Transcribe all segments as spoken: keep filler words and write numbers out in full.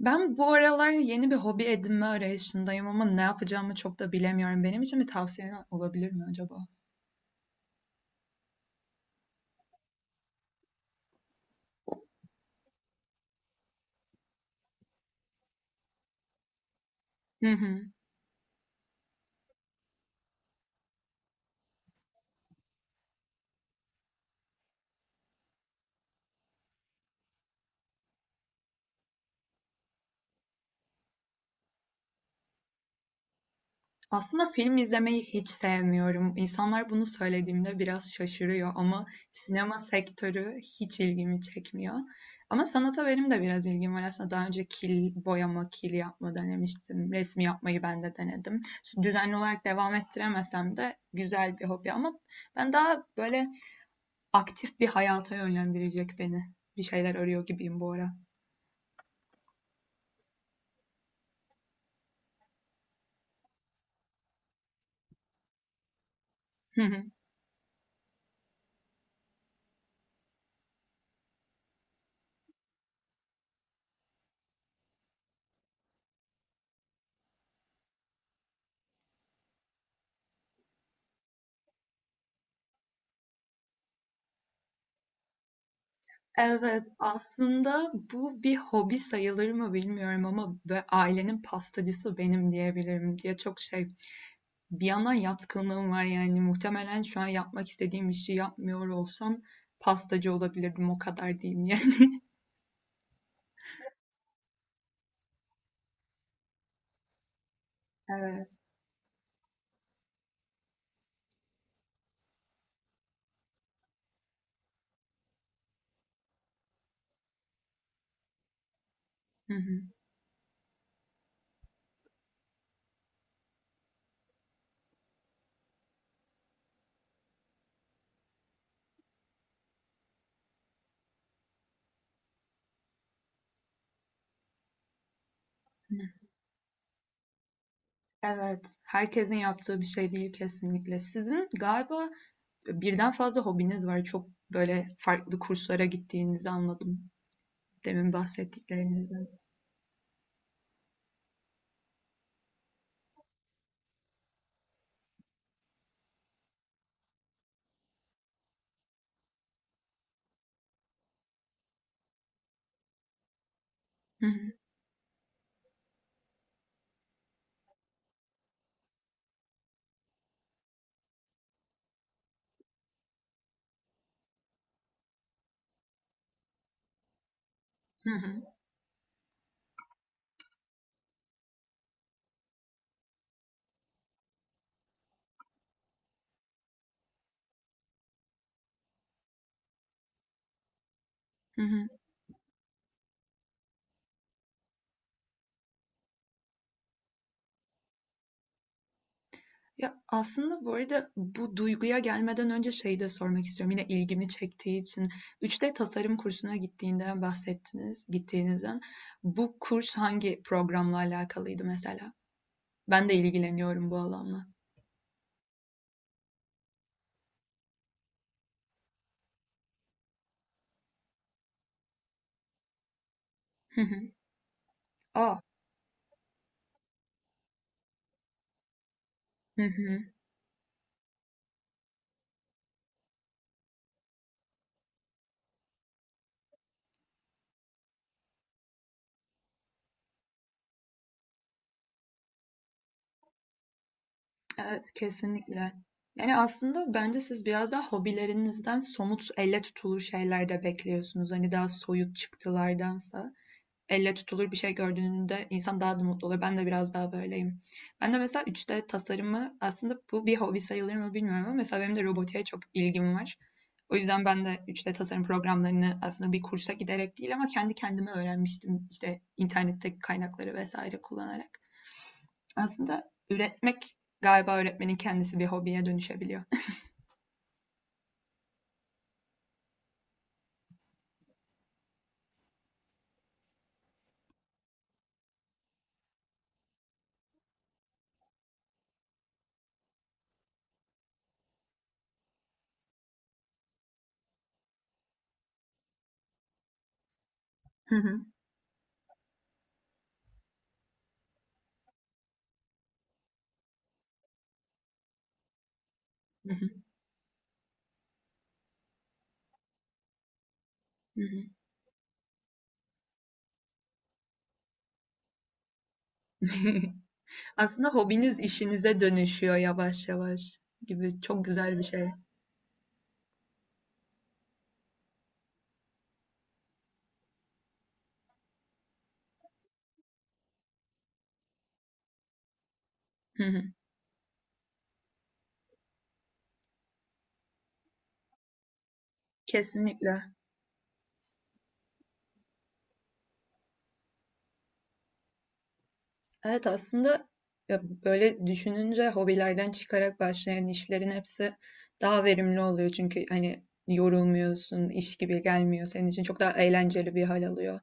Ben bu aralar yeni bir hobi edinme arayışındayım ama ne yapacağımı çok da bilemiyorum. Benim için bir tavsiyen olabilir mi acaba? Hı hı. Aslında film izlemeyi hiç sevmiyorum. İnsanlar bunu söylediğimde biraz şaşırıyor ama sinema sektörü hiç ilgimi çekmiyor. Ama sanata benim de biraz ilgim var. Aslında daha önce kil boyama, kil yapma denemiştim. Resim yapmayı ben de denedim. Düzenli olarak devam ettiremesem de güzel bir hobi ama ben daha böyle aktif bir hayata yönlendirecek beni. Bir şeyler arıyor gibiyim bu ara. Evet, aslında bu bir hobi sayılır mı bilmiyorum ama ailenin pastacısı benim diyebilirim diye çok şey. Bir yana yatkınlığım var yani muhtemelen şu an yapmak istediğim işi yapmıyor olsam pastacı olabilirdim o kadar diyeyim yani. Evet. Hı hı. Evet, herkesin yaptığı bir şey değil kesinlikle. Sizin galiba birden fazla hobiniz var. Çok böyle farklı kurslara gittiğinizi anladım. Demin bahsettiklerinizden. Hı hı. Hı hı. Hı hı. Ya, aslında bu arada bu duyguya gelmeden önce şeyi de sormak istiyorum. Yine ilgimi çektiği için üç D tasarım kursuna gittiğinden bahsettiniz, gittiğinizden. Bu kurs hangi programla alakalıydı mesela? Ben de ilgileniyorum bu alanla. Hı hı. A! Hı hı. Evet, kesinlikle. Yani, aslında bence siz biraz daha hobilerinizden somut, elle tutulur şeyler de bekliyorsunuz. Hani, daha soyut çıktılardansa elle tutulur bir şey gördüğünde insan daha da mutlu olur. Ben de biraz daha böyleyim. Ben de mesela üç D tasarımı aslında bu bir hobi sayılır mı bilmiyorum ama mesela benim de robotiğe çok ilgim var. O yüzden ben de üç D tasarım programlarını aslında bir kursa giderek değil ama kendi kendime öğrenmiştim işte internetteki kaynakları vesaire kullanarak. Aslında üretmek galiba öğretmenin kendisi bir hobiye dönüşebiliyor. Aslında hobiniz işinize dönüşüyor yavaş yavaş gibi çok güzel bir şey. Kesinlikle. Evet aslında ya böyle düşününce hobilerden çıkarak başlayan işlerin hepsi daha verimli oluyor. Çünkü hani yorulmuyorsun, iş gibi gelmiyor senin için. Çok daha eğlenceli bir hal alıyor.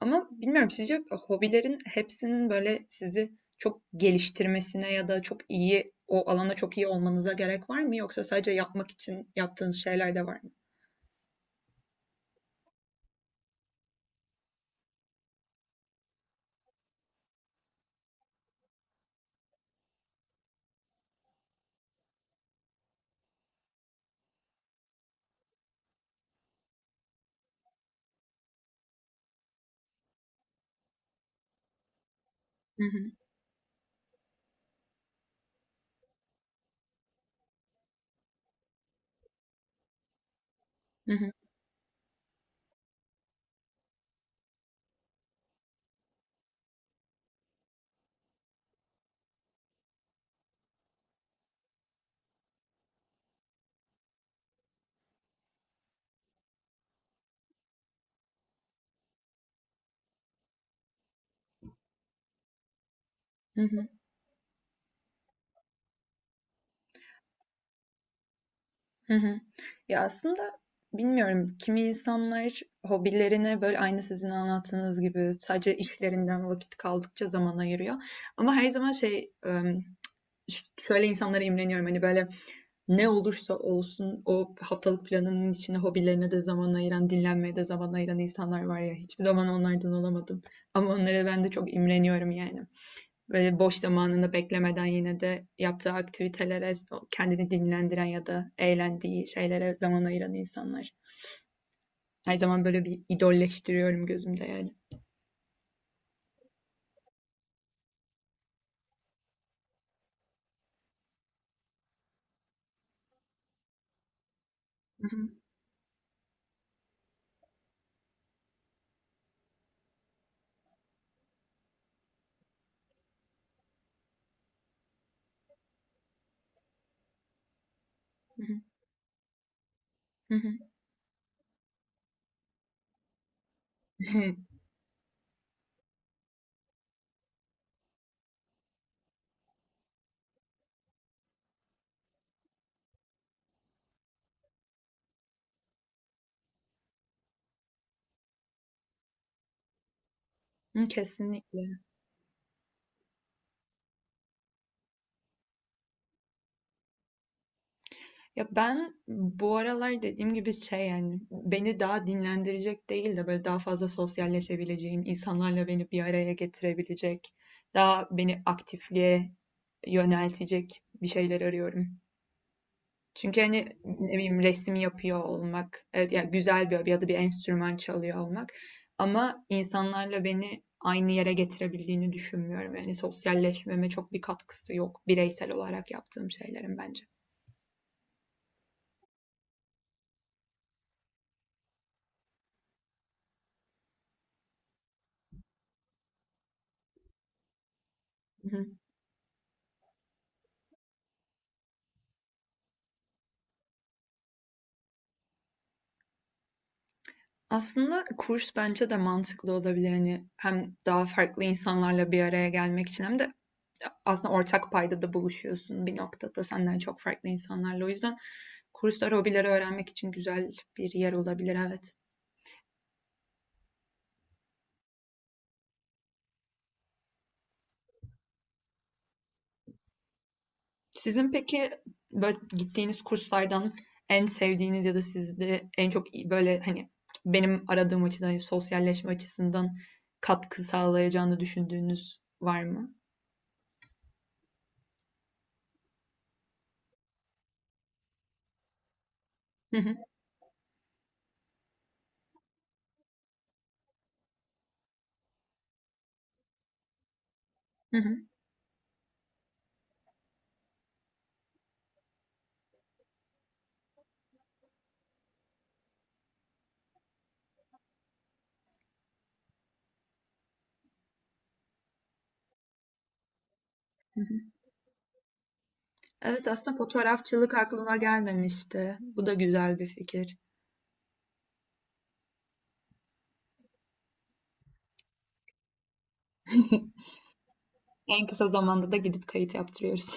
Ama bilmiyorum sizce hobilerin hepsinin böyle sizi çok geliştirmesine ya da çok iyi o alana çok iyi olmanıza gerek var mı? Yoksa sadece yapmak için yaptığınız şeyler de var mı? Hı hı, hı hı, hı hı, hı hı. Ya aslında bilmiyorum kimi insanlar hobilerine böyle aynı sizin anlattığınız gibi sadece işlerinden vakit kaldıkça zaman ayırıyor. Ama her zaman şey şöyle insanlara imreniyorum hani böyle ne olursa olsun o haftalık planının içinde hobilerine de zaman ayıran, dinlenmeye de zaman ayıran insanlar var ya. Hiçbir zaman onlardan olamadım. Ama onlara ben de çok imreniyorum yani. Böyle boş zamanını beklemeden yine de yaptığı aktivitelere, kendini dinlendiren ya da eğlendiği şeylere zaman ayıran insanlar. Her zaman böyle bir idolleştiriyorum gözümde yani. Hı hı, hı. Kesinlikle. Ya ben bu aralar dediğim gibi şey yani beni daha dinlendirecek değil de böyle daha fazla sosyalleşebileceğim, insanlarla beni bir araya getirebilecek, daha beni aktifliğe yöneltecek bir şeyler arıyorum. Çünkü hani ne bileyim resim yapıyor olmak, evet ya güzel bir hobi ya da bir enstrüman çalıyor olmak ama insanlarla beni aynı yere getirebildiğini düşünmüyorum. Yani sosyalleşmeme çok bir katkısı yok bireysel olarak yaptığım şeylerin bence. Aslında kurs bence de mantıklı olabilir. Hani hem daha farklı insanlarla bir araya gelmek için hem de aslında ortak payda da buluşuyorsun bir noktada senden çok farklı insanlarla. O yüzden kurslar hobileri öğrenmek için güzel bir yer olabilir, evet. Sizin peki böyle gittiğiniz kurslardan en sevdiğiniz ya da sizde en çok iyi- böyle hani benim aradığım açıdan hani sosyalleşme açısından katkı sağlayacağını düşündüğünüz var mı? Hı hı. Hı hı. Evet aslında fotoğrafçılık aklıma gelmemişti. Bu da güzel bir fikir. En kısa zamanda da gidip kayıt yaptırıyoruz.